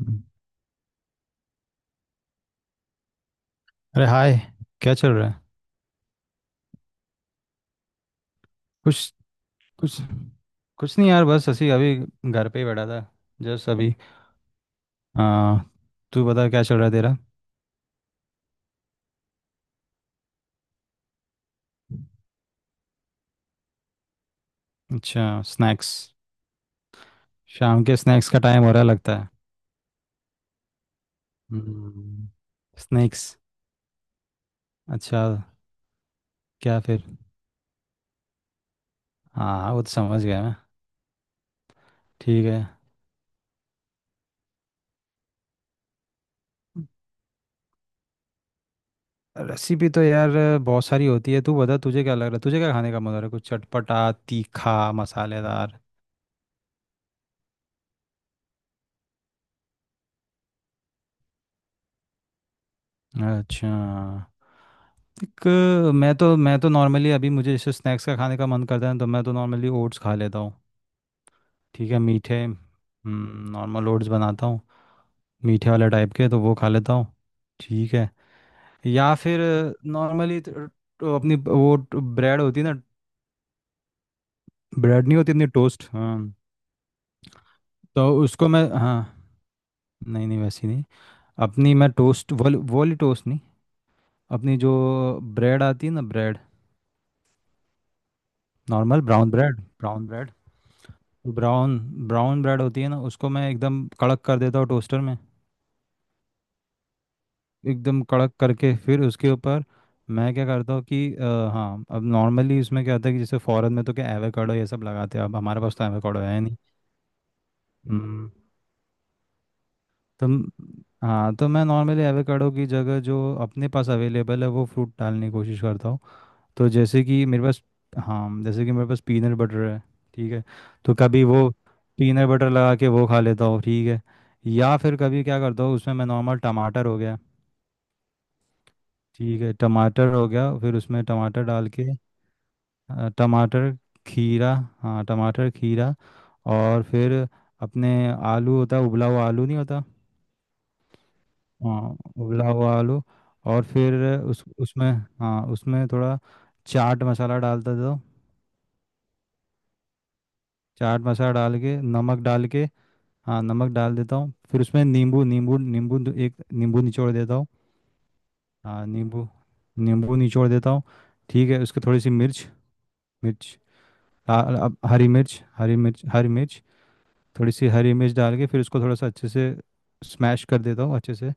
हम्म। अरे हाय, क्या चल रहा है? कुछ कुछ कुछ नहीं यार, बस ऐसे ही अभी घर पे ही बैठा था जस्ट अभी। आ, तू बता, क्या चल रहा है तेरा? अच्छा स्नैक्स, शाम के स्नैक्स का टाइम हो रहा है लगता है। हम्म। स्नैक्स। अच्छा, क्या फिर? हाँ हाँ, वो तो समझ गया मैं। ठीक है। रेसिपी तो यार बहुत सारी होती है। तू बता, तुझे क्या लग रहा है, तुझे क्या खाने का मन हो रहा है? कुछ चटपटा, तीखा, मसालेदार? अच्छा। एक, मैं तो नॉर्मली अभी मुझे जैसे स्नैक्स का खाने का मन करता है तो मैं तो नॉर्मली ओट्स खा लेता हूँ। ठीक है, मीठे नॉर्मल ओट्स बनाता हूँ, मीठे वाले टाइप के, तो वो खा लेता हूँ। ठीक है। या फिर नॉर्मली तो अपनी वो ब्रेड होती है ना। ब्रेड नहीं होती, अपनी टोस्ट। हाँ, तो उसको मैं, हाँ, नहीं नहीं वैसी नहीं, अपनी मैं टोस्ट, वो वाली टोस्ट नहीं, अपनी जो ब्रेड आती है ना, bread, normal brown bread. Brown bread, brown brown bread होती है ना, उसको मैं एकदम कड़क कर देता हूँ टोस्टर में। एकदम कड़क करके फिर उसके ऊपर मैं क्या करता हूँ कि हाँ अब नॉर्मली इसमें क्या होता है कि जैसे फॉरेन में तो क्या एवोकाडो ये सब लगाते हैं, अब हमारे पास तो एवोकाडो है नहीं। हम्म। तो म- हाँ तो मैं नॉर्मली एवोकाडो की जगह जो अपने पास अवेलेबल है वो फ्रूट डालने की कोशिश करता हूँ। तो जैसे कि मेरे पास, हाँ जैसे कि मेरे पास पीनट बटर है। ठीक है, तो कभी वो पीनट बटर लगा के वो खा लेता हूँ। ठीक है। या फिर कभी क्या करता हूँ, उसमें मैं नॉर्मल टमाटर हो गया, ठीक है, टमाटर हो गया, फिर उसमें टमाटर डाल के, टमाटर खीरा, हाँ टमाटर खीरा, और फिर अपने आलू होता है, उबला हुआ आलू नहीं होता। हाँ उबला हुआ आलू, और फिर उस उसमें, हाँ उसमें थोड़ा चाट मसाला डालता था। चाट मसाला डाल के, नमक डाल के, हाँ नमक डाल देता हूँ, फिर उसमें नींबू, नींबू नींबू दो- एक नींबू निचोड़ देता हूँ। हाँ नींबू, नींबू निचोड़ देता हूँ। ठीक है, उसके थोड़ी सी मिर्च, मिर्च, अब हरी मिर्च हरी मिर्च। थोड़ी सी हरी मिर्च डाल के फिर उसको थोड़ा सा अच्छे से स्मैश कर देता हूँ अच्छे से,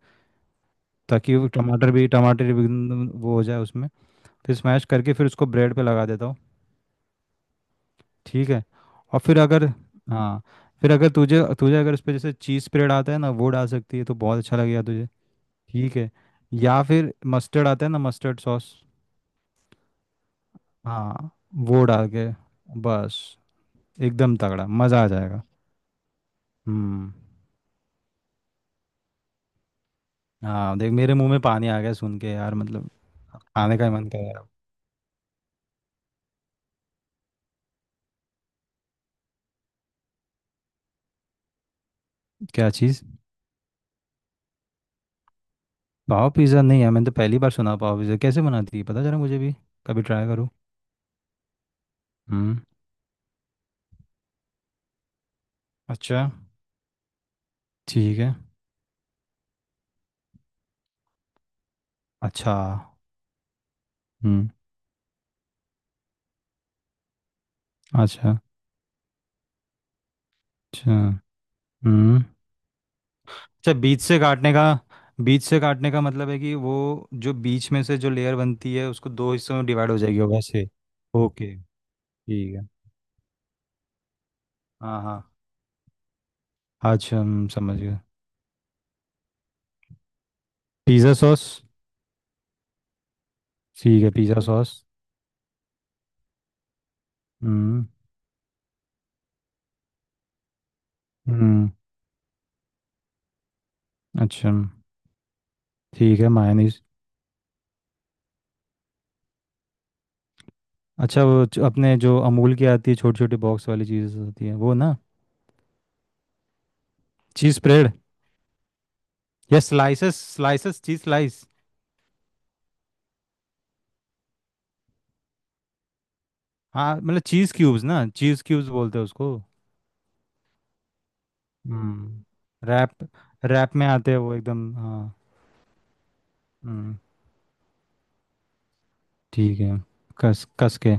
ताकि वो टमाटर भी एकदम वो हो जाए उसमें। फिर स्मैश करके फिर उसको ब्रेड पे लगा देता हूँ। ठीक है। और फिर अगर, हाँ फिर अगर तुझे तुझे अगर उस पर जैसे चीज़ स्प्रेड आता है ना, वो डाल सकती है तो बहुत अच्छा लगेगा तुझे। ठीक है। या फिर मस्टर्ड आता है ना, मस्टर्ड सॉस। हाँ वो डाल के बस, एकदम तगड़ा मज़ा आ जाएगा। हम्म। हाँ देख, मेरे मुंह में पानी आ गया सुन के यार, मतलब खाने का ही मन कर रहा है। क्या चीज़? पाव पिज़्ज़ा नहीं है, मैंने तो पहली बार सुना। पाव पिज़्ज़ा कैसे बनाती है, पता चला मुझे भी। कभी ट्राई करूँ। हम्म। अच्छा, ठीक है। अच्छा। हम्म। अच्छा। अच्छा। हम्म। अच्छा, बीच से काटने का, बीच से काटने का मतलब है कि वो जो बीच में से जो लेयर बनती है उसको दो हिस्सों में डिवाइड हो जाएगी वो वैसे। ओके। ठीक है, हाँ हाँ। अच्छा, हम समझ गए, पिज़्ज़ा सॉस। ठीक है पिज़्ज़ा सॉस। हम्म। हम्म। अच्छा। ठीक है मायनीज। अच्छा, वो जो अपने जो अमूल की आती है छोटी छोटी बॉक्स वाली चीज़ें होती हैं वो ना, चीज़ स्प्रेड, या स्लाइसेस, चीज़ स्लाइस। हाँ मतलब चीज़ क्यूब्स ना, चीज़ क्यूब्स बोलते हैं उसको। हम्म, रैप, रैप में आते हैं वो एकदम, हाँ। हम्म। ठीक है, कस कस के।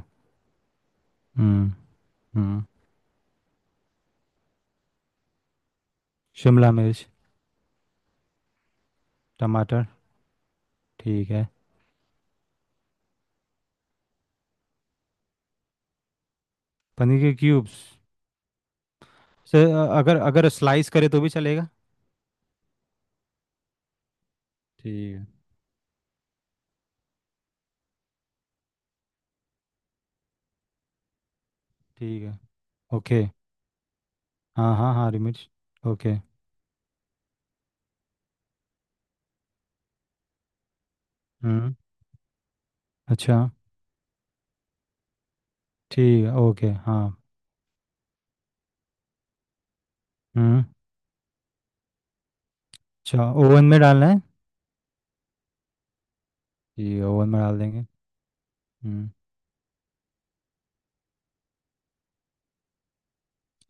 हम्म। हम्म। शिमला मिर्च। टमाटर, ठीक है। पनीर के क्यूब्स, अगर अगर स्लाइस करे तो भी चलेगा। ठीक है, ठीक है। ओके, हाँ हाँ हाँ हरी मिर्च। ओके। हम्म। अच्छा। ठीक है, ओके, हाँ। हम्म। अच्छा, ओवन में डालना है। ठीक है, ओवन में डाल देंगे। हम्म।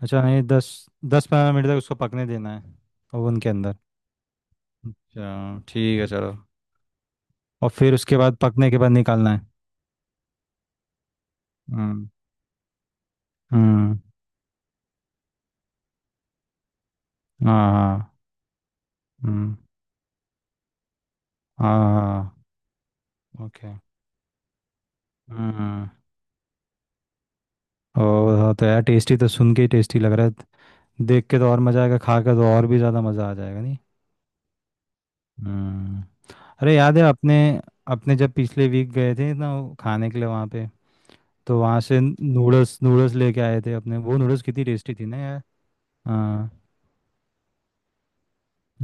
अच्छा, नहीं, दस, दस पंद्रह मिनट तक उसको पकने देना है, ओवन के अंदर। अच्छा ठीक है, चलो। और फिर उसके बाद पकने के बाद निकालना है। हम्म। हम्म। हाँ हाँ। हम्म। हाँ। ओके। हम्म। ओ हाँ, तो यार टेस्टी तो सुन के ही टेस्टी लग रहा है, देख के तो और मज़ा आएगा, खा के तो और भी ज़्यादा मज़ा आ जाएगा नहीं? हम्म। अरे याद है अपने, अपने जब पिछले वीक गए थे ना वो खाने के लिए वहाँ पे, तो वहाँ से नूडल्स, लेके आए थे अपने, वो नूडल्स कितनी टेस्टी थी ना यार। हाँ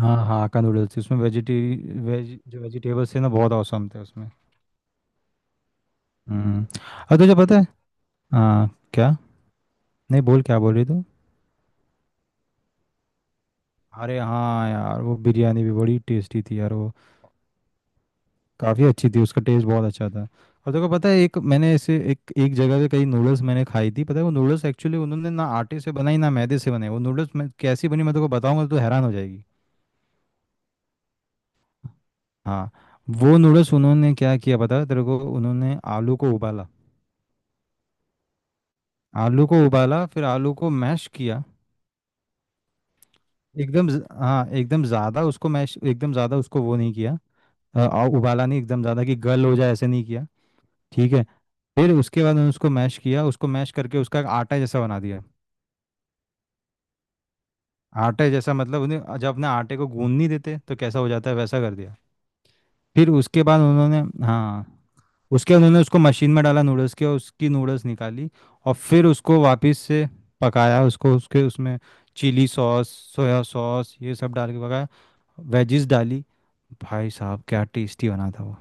हाँ। हाँ का नूडल्स थी उसमें वेजिटे वेज जो वेजिटेबल्स थे ना, बहुत औसम थे उसमें। हम्म। और तुझे पता है आ, क्या नहीं, बोल क्या बोल रही तू? अरे हाँ यार, वो बिरयानी भी बड़ी टेस्टी थी यार वो, काफ़ी अच्छी थी, उसका टेस्ट बहुत अच्छा था। और तुझे पता है, एक मैंने ऐसे एक एक जगह पे कई नूडल्स मैंने खाई थी, पता है वो नूडल्स एक्चुअली उन्होंने ना आटे से बनाई ना मैदे से बनाई, वो नूडल्स मैं कैसी बनी मैं तेको बताऊंगा तो हैरान हो जाएगी। हाँ। वो नूडल्स उन्होंने क्या किया पता है तेरे को, उन्होंने आलू को उबाला। आलू को उबाला, फिर आलू को मैश किया। हाँ एकदम ज़्यादा उसको मैश, एकदम ज़्यादा उसको वो नहीं किया, उबाला नहीं एकदम ज़्यादा कि गल हो जाए, ऐसे नहीं किया। ठीक है। फिर उसके बाद मैंने उसको मैश किया, उसको मैश करके उसका एक आटा जैसा बना दिया। आटा जैसा मतलब उन्हें जब अपने आटे को गूंद नहीं देते तो कैसा हो जाता है वैसा कर दिया। फिर उसके बाद उन्होंने, हाँ उसके बाद उन्होंने उसको मशीन में डाला नूडल्स के, और उसकी नूडल्स निकाली, और फिर उसको वापस से पकाया, उसको उसके उसमें चिली सॉस, सोया सॉस ये सब डाल के पकाया, वेजिस डाली, भाई साहब क्या टेस्टी बना था वो।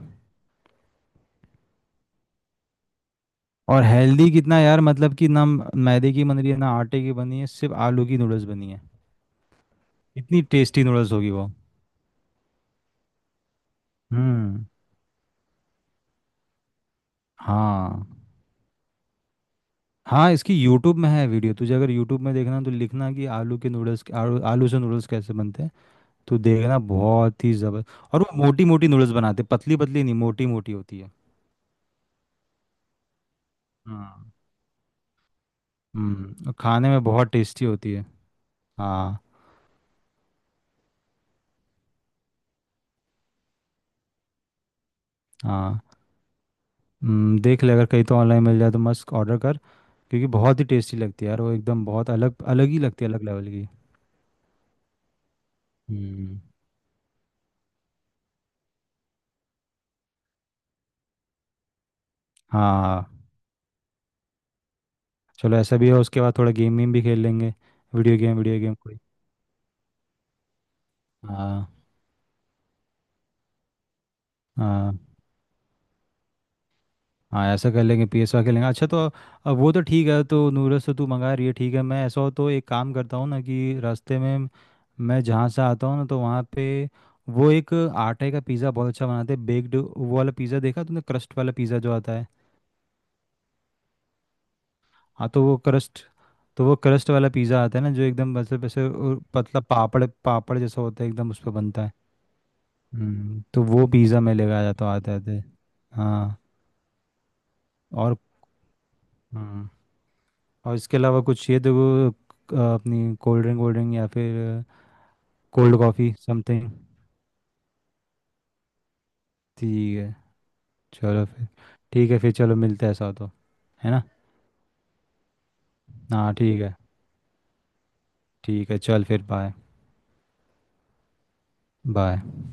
और हेल्दी कितना यार, मतलब कि ना मैदे की बन रही है ना आटे की बनी है, सिर्फ आलू की नूडल्स बनी है। इतनी टेस्टी नूडल्स होगी वो। हम्म। हाँ हाँ इसकी यूट्यूब में है वीडियो, तुझे अगर यूट्यूब में देखना है तो लिखना कि आलू के नूडल्स, आलू से नूडल्स कैसे बनते हैं, तो देखना, बहुत ही ज़बरदस्त। और वो मोटी मोटी नूडल्स बनाते, पतली पतली नहीं, मोटी मोटी होती है। हाँ। हम्म, और खाने में बहुत टेस्टी होती है। हाँ। हाँ। देख ले अगर कहीं तो ऑनलाइन मिल जाए तो मस्त, ऑर्डर कर, क्योंकि बहुत ही टेस्टी लगती है यार वो एकदम, बहुत अलग, अलग ही लगती है, अलग लेवल की। हम्म। हाँ चलो, ऐसा भी है, उसके बाद थोड़ा गेम वेम भी खेल लेंगे, वीडियो गेम कोई। हाँ। हाँ हाँ ऐसा कर लेंगे, PS खेल लेंगे। अच्छा तो अब वो तो ठीक है, तो नूडल्स तो तू मंगा रही है, ठीक है, मैं ऐसा हो तो एक काम करता हूँ ना, कि रास्ते में मैं जहाँ से आता हूँ ना तो वहाँ पे वो एक आटे का पिज़्ज़ा बहुत अच्छा बनाते हैं बेक्ड, वो वाला पिज़्ज़ा देखा तूने, क्रस्ट वाला पिज़्ज़ा जो आता है। हाँ तो वो क्रस्ट, तो वो क्रस्ट वाला पिज़्ज़ा आता है ना, जो एकदम मतलब ऐसे पतला, पापड़ पापड़ जैसा होता है एकदम, उस पर बनता है। हम्म। तो वो पिज़्ज़ा मैं लेके आया तो आते आते, हाँ और, हाँ और इसके अलावा कुछ ये देखो अपनी कोल्ड ड्रिंक, कोल्ड ड्रिंक या फिर कोल्ड कॉफ़ी, समथिंग। ठीक है चलो फिर, ठीक है फिर चलो मिलते हैं ऐसा हो तो, है ना? हाँ ठीक है। ठीक है चल, फिर बाय बाय।